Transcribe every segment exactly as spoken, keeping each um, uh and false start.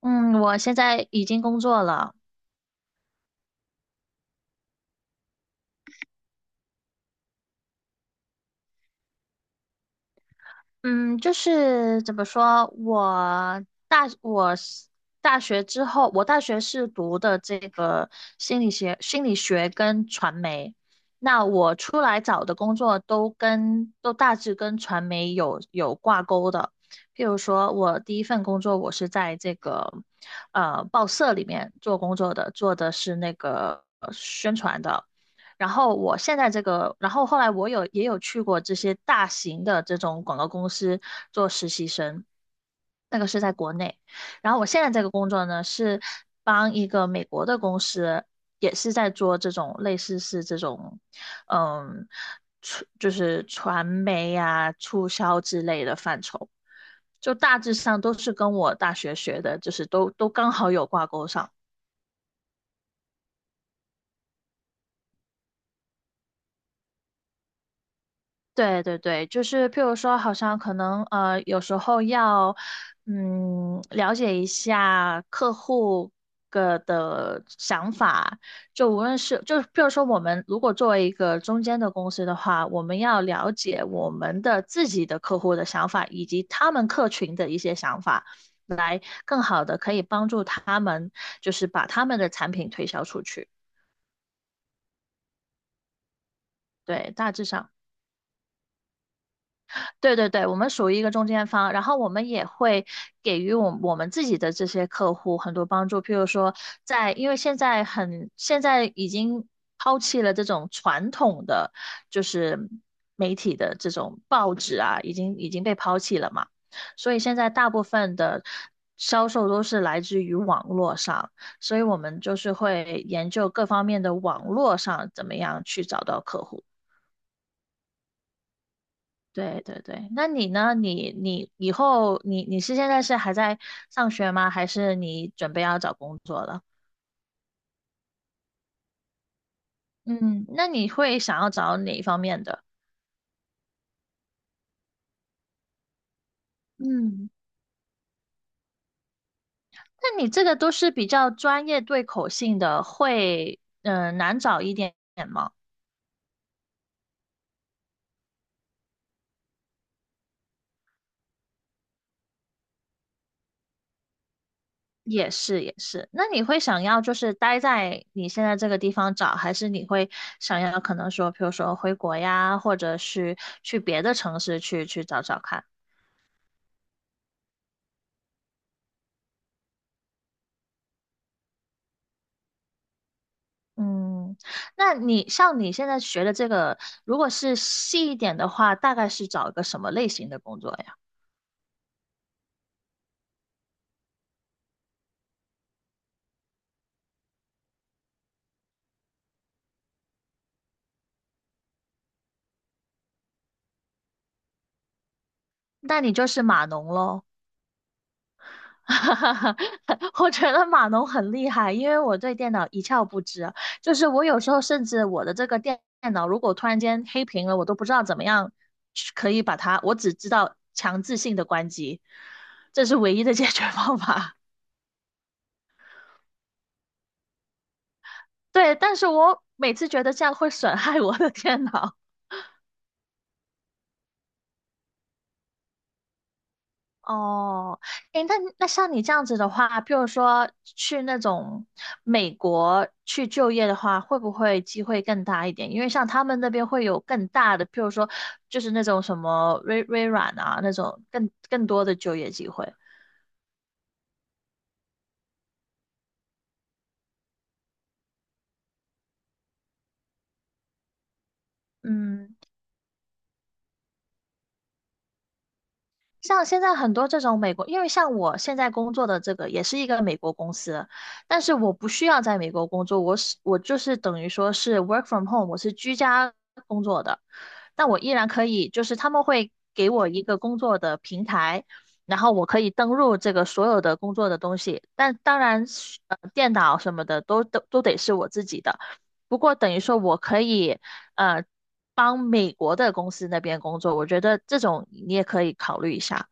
嗯，我现在已经工作了。嗯，就是怎么说，我大我是大学之后，我大学是读的这个心理学、心理学跟传媒。那我出来找的工作都跟都大致跟传媒有有挂钩的。譬如说，我第一份工作我是在这个呃报社里面做工作的，做的是那个呃宣传的。然后我现在这个，然后后来我有也有去过这些大型的这种广告公司做实习生，那个是在国内。然后我现在这个工作呢，是帮一个美国的公司，也是在做这种类似是这种，嗯，传就是传媒呀、促销之类的范畴，就大致上都是跟我大学学的，就是都都刚好有挂钩上。对对对，就是譬如说，好像可能呃，有时候要嗯了解一下客户个的想法，就无论是就是譬如说，我们如果作为一个中间的公司的话，我们要了解我们的自己的客户的想法，以及他们客群的一些想法，来更好的可以帮助他们，就是把他们的产品推销出去。对，大致上。对对对，我们属于一个中间方，然后我们也会给予我我们自己的这些客户很多帮助，譬如说在，因为现在很，现在已经抛弃了这种传统的就是媒体的这种报纸啊，已经已经被抛弃了嘛，所以现在大部分的销售都是来自于网络上，所以我们就是会研究各方面的网络上怎么样去找到客户。对对对，那你呢？你你以后你你是现在是还在上学吗？还是你准备要找工作了？嗯，那你会想要找哪一方面的？嗯，那你这个都是比较专业对口性的，会嗯、呃难找一点点吗？也是也是，那你会想要就是待在你现在这个地方找，还是你会想要可能说，比如说回国呀，或者是去别的城市去去找找看？嗯，那你像你现在学的这个，如果是细一点的话，大概是找一个什么类型的工作呀？那你就是码农喽。我觉得码农很厉害，因为我对电脑一窍不知。就是我有时候甚至我的这个电电脑如果突然间黑屏了，我都不知道怎么样去可以把它，我只知道强制性的关机，这是唯一的解决方法。对，但是我每次觉得这样会损害我的电脑。哦，诶，那那像你这样子的话，譬如说去那种美国去就业的话，会不会机会更大一点？因为像他们那边会有更大的，譬如说就是那种什么微微软啊那种更更多的就业机会。嗯。像现在很多这种美国，因为像我现在工作的这个也是一个美国公司，但是我不需要在美国工作，我是我就是等于说是 work from home，我是居家工作的，但我依然可以，就是他们会给我一个工作的平台，然后我可以登录这个所有的工作的东西，但当然是，呃，电脑什么的都都都得是我自己的，不过等于说我可以，呃。帮美国的公司那边工作，我觉得这种你也可以考虑一下。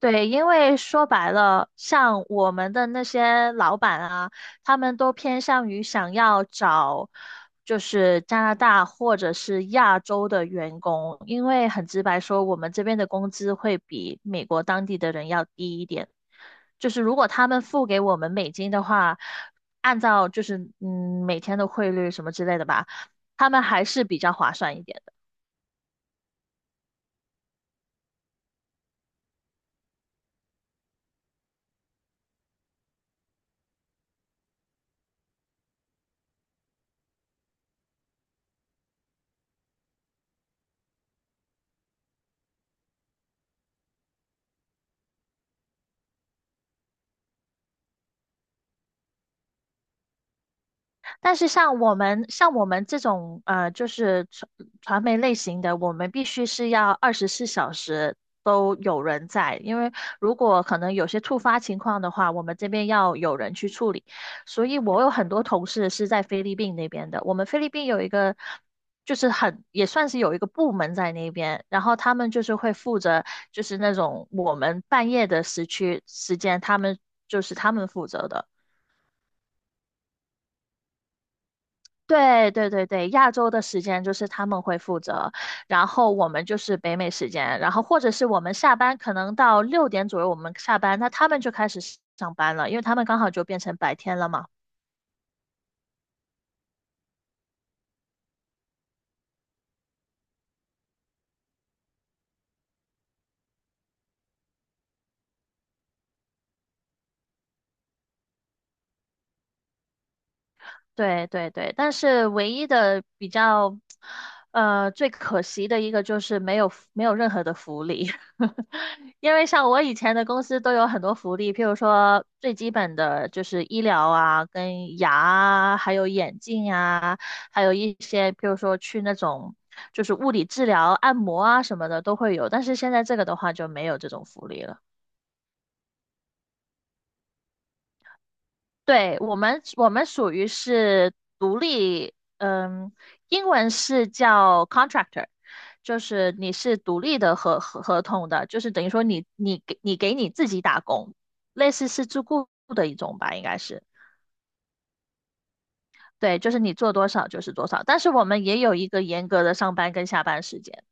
对，因为说白了，像我们的那些老板啊，他们都偏向于想要找就是加拿大或者是亚洲的员工，因为很直白说，我们这边的工资会比美国当地的人要低一点。就是如果他们付给我们美金的话，按照就是嗯每天的汇率什么之类的吧，他们还是比较划算一点。但是像我们像我们这种呃，就是传传媒类型的，我们必须是要二十四小时都有人在，因为如果可能有些突发情况的话，我们这边要有人去处理。所以我有很多同事是在菲律宾那边的，我们菲律宾有一个。就是很，也算是有一个部门在那边，然后他们就是会负责，就是那种我们半夜的时区时间，他们就是他们负责的。对对对对，亚洲的时间就是他们会负责，然后我们就是北美时间，然后或者是我们下班可能到六点左右我们下班，那他们就开始上班了，因为他们刚好就变成白天了嘛。对对对，但是唯一的比较，呃，最可惜的一个就是没有没有任何的福利，因为像我以前的公司都有很多福利，譬如说最基本的就是医疗啊、跟牙啊，还有眼镜啊，还有一些譬如说去那种就是物理治疗、按摩啊什么的都会有，但是现在这个的话就没有这种福利了。对，我们，我们属于是独立，嗯，英文是叫 contractor，就是你是独立的合合合同的，就是等于说你你给你给你自己打工，类似是自雇的一种吧，应该是。对，就是你做多少就是多少，但是我们也有一个严格的上班跟下班时间。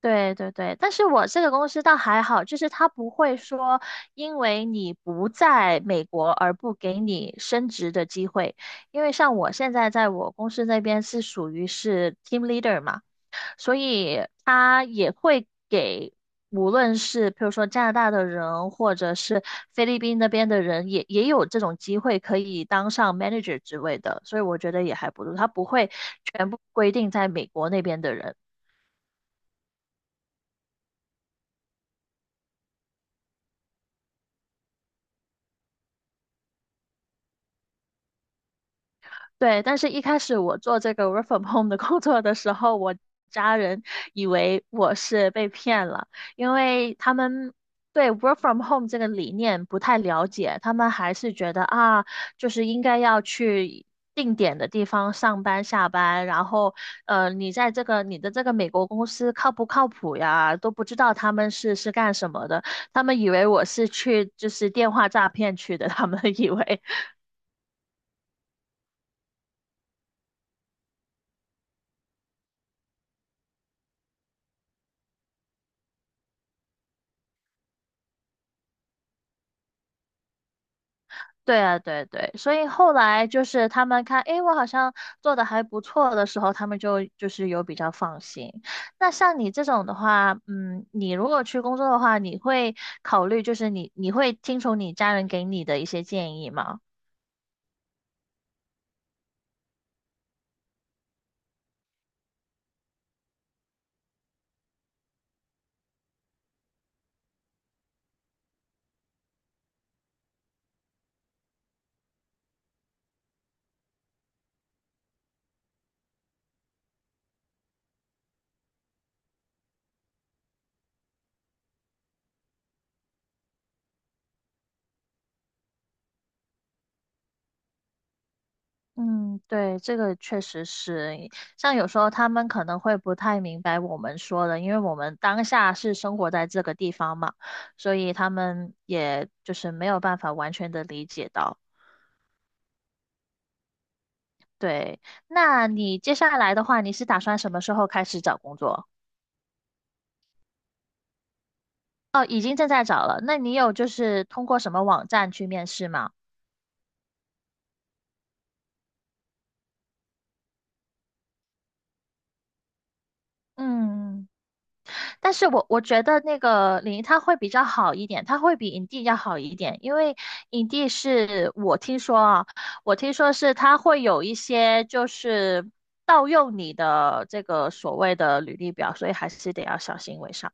对对对，但是我这个公司倒还好，就是他不会说因为你不在美国而不给你升职的机会，因为像我现在在我公司那边是属于是 team leader 嘛，所以他也会给无论是比如说加拿大的人或者是菲律宾那边的人也也有这种机会可以当上 manager 职位的，所以我觉得也还不错，他不会全部规定在美国那边的人。对，但是一开始我做这个 work from home 的工作的时候，我家人以为我是被骗了，因为他们对 work from home 这个理念不太了解，他们还是觉得啊，就是应该要去定点的地方上班下班，然后呃，你在这个你的这个美国公司靠不靠谱呀，都不知道他们是是干什么的，他们以为我是去就是电话诈骗去的，他们以为。对啊，对对，所以后来就是他们看，诶，我好像做的还不错的时候，他们就就是有比较放心。那像你这种的话，嗯，你如果去工作的话，你会考虑就是你你会听从你家人给你的一些建议吗？嗯，对，这个确实是，像有时候他们可能会不太明白我们说的，因为我们当下是生活在这个地方嘛，所以他们也就是没有办法完全的理解到。对，那你接下来的话，你是打算什么时候开始找工作？哦，已经正在找了。那你有就是通过什么网站去面试吗？嗯，但是我我觉得那个领英它会比较好一点，它会比 i n 要好一点，因为 i n 是我听说啊，我听说是它会有一些就是盗用你的这个所谓的履历表，所以还是得要小心为上。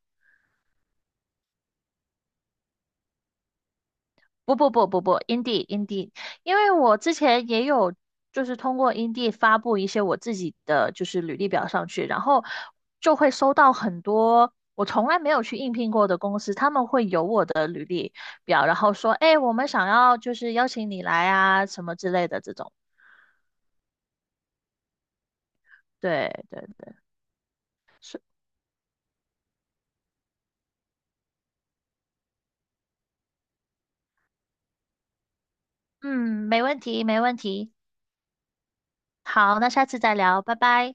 不不不不不，Indeed，Indeed，因为我之前也有就是通过 Indeed 发布一些我自己的就是履历表上去，然后就会收到很多我从来没有去应聘过的公司，他们会有我的履历表，然后说，哎，我们想要就是邀请你来啊，什么之类的这种。对对对，嗯，没问题，没问题。好，那下次再聊，拜拜。